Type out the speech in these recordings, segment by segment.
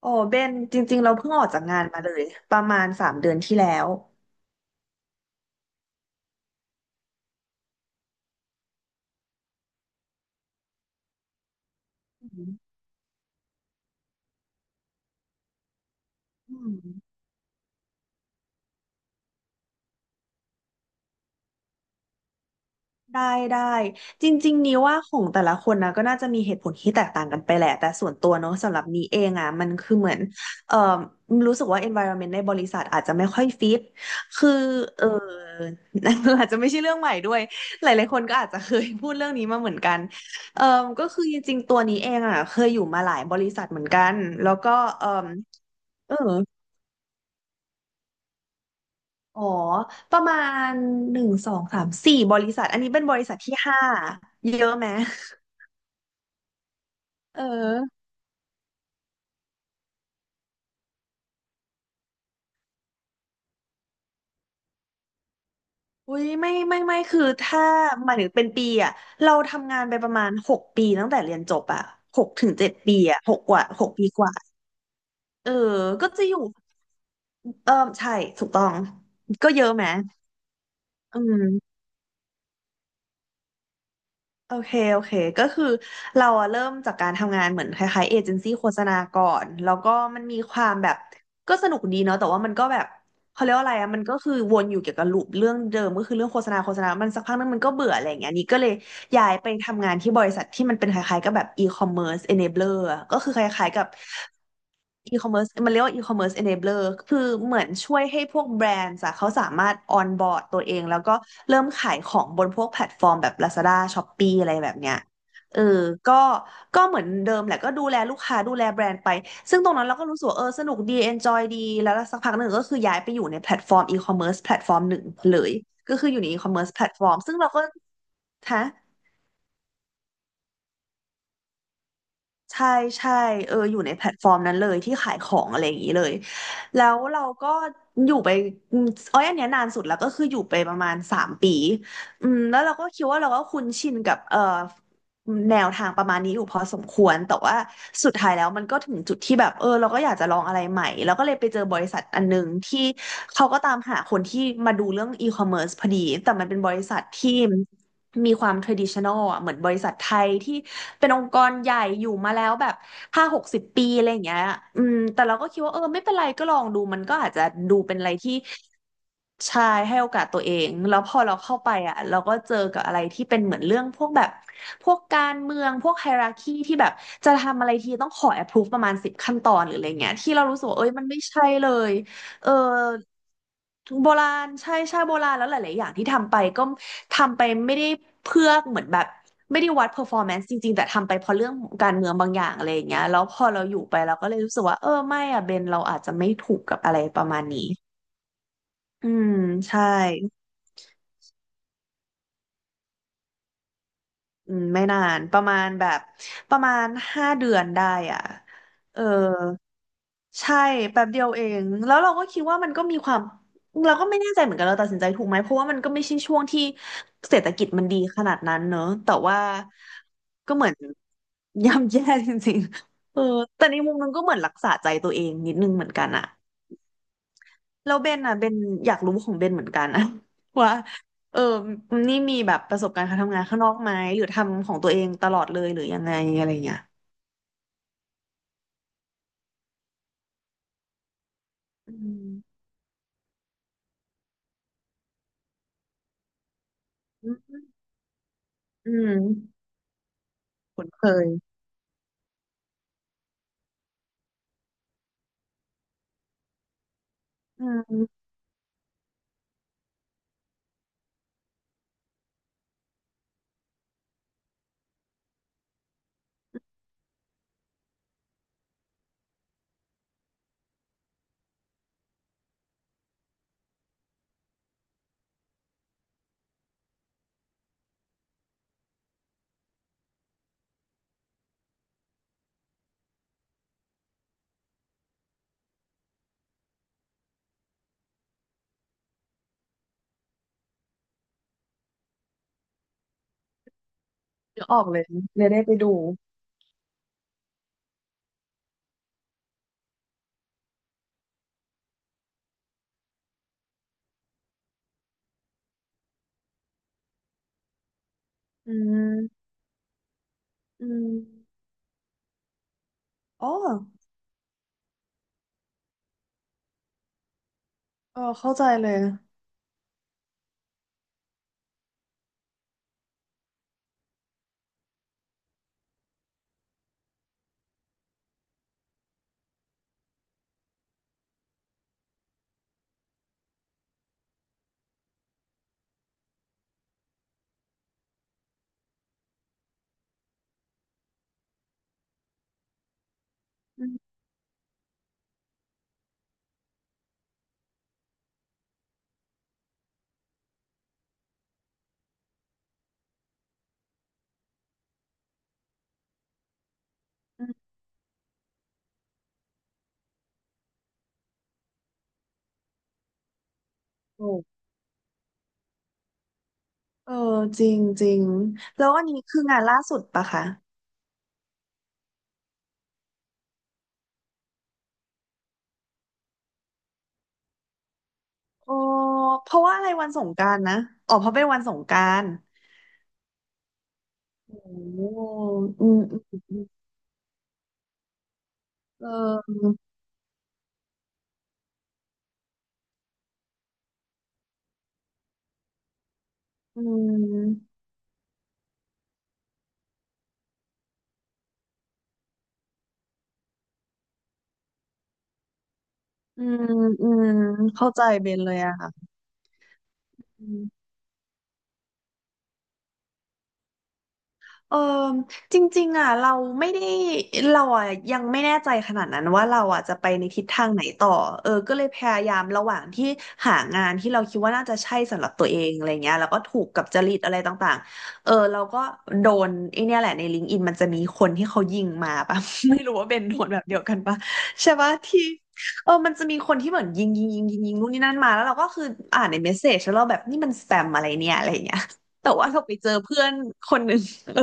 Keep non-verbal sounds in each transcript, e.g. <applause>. โอ้เบนจริงๆเราเพิ่งออกจากงานมาเลยประมาณ3 เดือนที่แล้วอืมอืมได้ได้จริงๆนี้ว่าของแต่ละคนนะก็น่าจะมีเหตุผลที่แตกต่างกันไปแหละแต่ส่วนตัวเนาะสำหรับนี้เองอ่ะมันคือเหมือนเอ่อรู้สึกว่า environment ในบริษัทอาจจะไม่ค่อยฟิตคือเออ <laughs> อาจจะไม่ใช่เรื่องใหม่ด้วยหลายๆคนก็อาจจะเคยพูดเรื่องนี้มาเหมือนกันเอ่อก็คือจริงๆตัวนี้เองอ่ะเคยอยู่มาหลายบริษัทเหมือนกันแล้วก็เอ่อเออ อ๋อประมาณหนึ่งสองสามสี่บริษัทอันนี้เป็นบริษัทที่ห้าเยอะไหมเอออุ้ยไม่คือถ้าหมายถึงเป็นปีอะเราทำงานไปประมาณหกปีตั้งแต่เรียนจบอะ6-7 ปีอะหกกว่า6 ปีกว่าเออก็จะอยู่เออใช่ถูกต้องก็เยอะไหมอืม โอเคโอเคก็คือเราอะเริ่มจากการทำงานเหมือนคล้ายๆเอเจนซี่โฆษณาก่อนแล้วก็มันมีความแบบก็สนุกดีเนาะแต่ว่ามันก็แบบเขาเรียกว่าอะไรอะมันก็คือวนอยู่เกี่ยวกับลูปเรื่องเดิมก็คือเรื่องโฆษณามันสักพักนึงมันก็เบื่ออะไรอย่างเงี้ยนี่ก็เลยย้ายไปทำงานที่บริษัทที่มันเป็นคล้ายๆกับแบบอีคอมเมิร์ซเอเนเบลอร์ก็คือคล้ายๆกับ อีคอมเมิร์ซมันเรียกว่าอีคอมเมิร์ซเอเ e เบลอร์คือเหมือนช่วยให้พวกแบรนด์อะเขาสามารถออนบอร์ดตัวเองแล้วก็เริ่มขายของบนพวกแพลตฟอร์มแบบ Lazada Shopee อะไรแบบเนี้ยเออก็ก็เหมือนเดิมแหละก็ดูแลลูกค้าดูแลแบรนด์ไปซึ่งตรงนั้นเราก็รู้สึกว่าเออสนุกดี enjoy ดีแล้วสักพักหนึ่งก็คือย้ายไปอยู่ในแพลตฟอร์มอีคอมเมิร์แพลตฟอร์มหนึ่งเลยก็คืออยู่ในอีคอมเมิร์แพลตฟอร์มซึ่งเราก็ฮะ ใช่ใช่เอออยู่ในแพลตฟอร์มนั้นเลยที่ขายของอะไรอย่างนี้เลยแล้วเราก็อยู่ไปอมอ้อยอันเนี้ยนานสุดแล้วก็คืออยู่ไปประมาณ3 ปีแล้วเราก็คิดว่าเราก็คุ้นชินกับแนวทางประมาณนี้อยู่พอสมควรแต่ว่าสุดท้ายแล้วมันก็ถึงจุดที่แบบเออเราก็อยากจะลองอะไรใหม่แล้วก็เลยไปเจอบริษัทอันหนึงที่เขาก็ตามหาคนที่มาดูเรื่องอีคอมเมิร์ซพอดีแต่มันเป็นบริษัทที่ มีความ traditional อ่ะเหมือนบริษัทไทยที่เป็นองค์กรใหญ่อยู่มาแล้วแบบ50-60 ปีอะไรอย่างเงี้ยแต่เราก็คิดว่าเออไม่เป็นไรก็ลองดูมันก็อาจจะดูเป็นอะไรที่ชายให้โอกาสตัวเองแล้วพอเราเข้าไปอ่ะเราก็เจอกับอะไรที่เป็นเหมือนเรื่องพวกแบบพวกการเมืองพวกไฮราคีที่แบบจะทำอะไรทีต้องขอ approve ประมาณ10 ขั้นตอนหรืออะไรเงี้ยที่เรารู้สึกว่าเอ้ยมันไม่ใช่เลย เออโบราณใช่โบราณแล้วหลายๆอย่างที่ทำไปก็ทำไปไม่ได้เพื่อเหมือนแบบไม่ได้วัด performance จริงๆแต่ทำไปเพราะเรื่องของการเมืองบางอย่างอะไรอย่างเงี้ยแล้วพอเราอยู่ไปเราก็เลยรู้สึกว่าเออไม่อะเบนเราอาจจะไม่ถูกกับอะไรประมาณนี้อืมใช่ ไม่นานประมาณ5 เดือนได้อ่ะเออใช่แป๊บเดียวเองแล้วเราก็คิดว่ามันก็มีความเราก็ไม่แน่ใจเหมือนกันเราตัดสินใจถูกไหมเพราะว่ามันก็ไม่ใช่ช่วงที่เศรษฐกิจมันดีขนาดนั้นเนอะแต่ว่าก็เหมือน <laughs> ย่ำแย่จริงๆแต่ในมุมนึงก็เหมือนรักษาใจตัวเองนิดนึงเหมือนกันอะ แล้วเบนอ่ะเบนอยากรู้ของเบนเหมือนกันอะ <laughs> ว่าเออนี่มีแบบประสบการณ์การทำงานข้างนอกไหมหรือทำของตัวเองตลอดเลยหรือยังไงอะไรเงี้ยอืมอืมอืมคุ้นเคยอืมนึกออกเลยเลยได้ไปดูอืมอืมอ๋อเออเข้าใจเลยอืมอืมโอ้เออจริงจริงแล้วอันนี้คืองานล่าสุดปะคะออเพราะว่าอะไรวันสงกรานต์นะอ๋อเพราะเป็นวันสงกรานต์ โอ้อืมอืมเอออืมอืมอืมเข้าใจเบนเลยอะค่ะ เออจริงๆอ่ะเราไม่ได้เราอ่ะยังไม่แน่ใจขนาดนั้นว่าเราอ่ะจะไปในทิศทางไหนต่อก็เลยพยายามระหว่างที่หางานที่เราคิดว่าน่าจะใช่สำหรับตัวเองอะไรเงี้ยแล้วก็ถูกกับจริตอะไรต่างๆเราก็โดนไอเนี่ยแหละในลิงก์อินมันจะมีคนที่เขายิงมาปะ <laughs> ไม่รู้ว่าเป็นโดนแบบเดียวกันปะใช่ปะที่มันจะมีคนที่เหมือนยิงนู่นนี่นั่นมาแล้วเราก็คืออ่านในเมสเซจแล้วเราแบบนี่มันสแปมอะไรเนี่ยอะไรเงี้ยแต่ว่าเราไปเจอเพื่อนคนหนึ่ง <laughs> เออ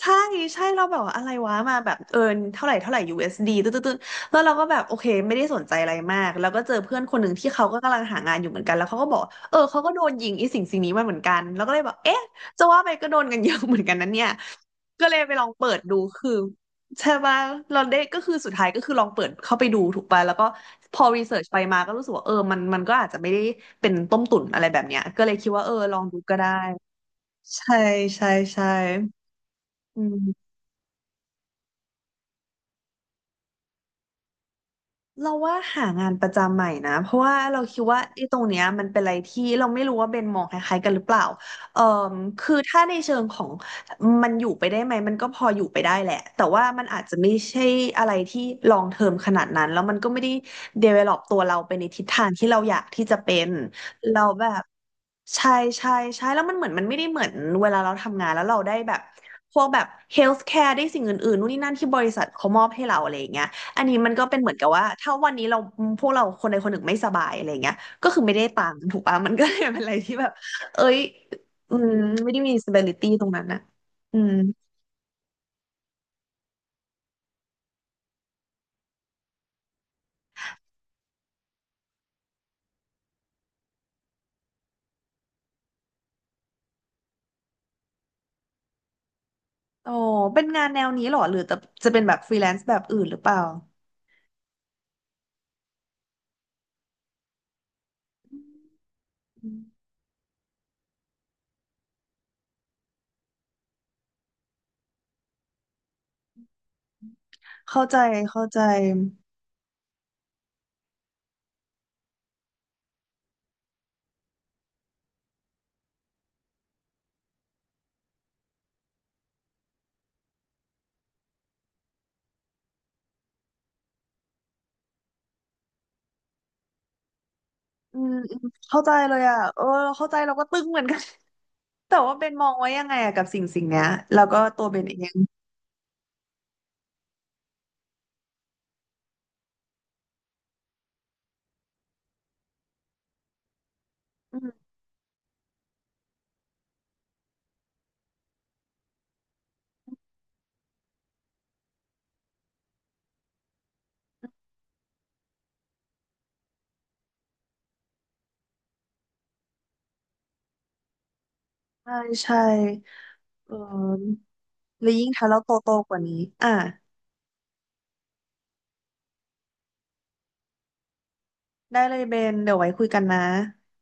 ใช่ใช่เราแบบว่าอะไรวะมาแบบเอินเท่าไหร่เท่าไหร่ USD ตึ๊ดตึ๊ดตึ๊ดแล้วเราก็แบบโอเคไม่ได้สนใจอะไรมากแล้วก็เจอเพื่อนคนหนึ่งที่เขาก็กำลังหางานอยู่เหมือนกันแล้วเขาก็บอกว่าเขาก็โดนยิงไอ้สิ่งนี้มาเหมือนกันแล้วก็เลยบอกเอ๊ะจะว่าไปก็โดนกันเยอะเหมือนกันนั้นเนี่ยก็เลยไปลองเปิดดูคือใช่ปะเราได้ก็คือสุดท้ายก็คือลองเปิดเข้าไปดูถูกป่ะแล้วก็พอรีเสิร์ชไปมาก็รู้สึกว่ามันก็อาจจะไม่ได้เป็นต้มตุ๋นอะไรแบบเนี้ยก็เลยคิดว่าลองดูก็ได้ใช่ใช่ใช่อืม เราว่าหางานประจำใหม่นะเพราะว่าเราคิดว่าไอ้ตรงเนี้ยมันเป็นอะไรที่เราไม่รู้ว่าเบนมองคล้ายๆกันหรือเปล่าเอ่อคือถ้าในเชิงของมันอยู่ไปได้ไหมมันก็พออยู่ไปได้แหละแต่ว่ามันอาจจะไม่ใช่อะไรที่ลองเทอมขนาดนั้นแล้วมันก็ไม่ได้ develop ตัวเราไปในทิศทางที่เราอยากที่จะเป็นเราแบบใช่ใช่ใช่แล้วมันเหมือนมันไม่ได้เหมือนเวลาเราทำงานแล้วเราได้แบบพวกแบบ healthcare ได้สิ่งอื่นๆนู่นนี่นั่นที่บริษัทเขามอบให้เราอะไรอย่างเงี้ย อันนี้มันก็เป็นเหมือนกับว่าถ้าวันนี้เราพวกเราคนใดคนหนึ่งไม่สบายอะไรเงี้ยก็คือไม่ได้ตังค์ถูกปะมันก็เลยเป็นอะไรที่แบบเอ้ยอืมไม่ได้มี stability ตรงนั้นนะอืมโอ้เป็นงานแนวนี้เหรอหรือจะเป็นแบบฟรีแลนซ์แบบอื่นหรือเปล่าอืมเข้าใจเข้าใจอืมอืมเข้าใจเลยอ่ะเออเข้าใจเราก็ตึงเหมือนกัน <laughs> แต่ว่าเบนมองไว้ยังไงอะกับสิ่งเนี้ยแล้วก็ตัวเบนเองอืมใช่ใช่เออแล้วยิ่งถ้าเราโตกว่านี้อ่ะ ได้เลยเบนเดี๋ยวไว้คุยกันนะ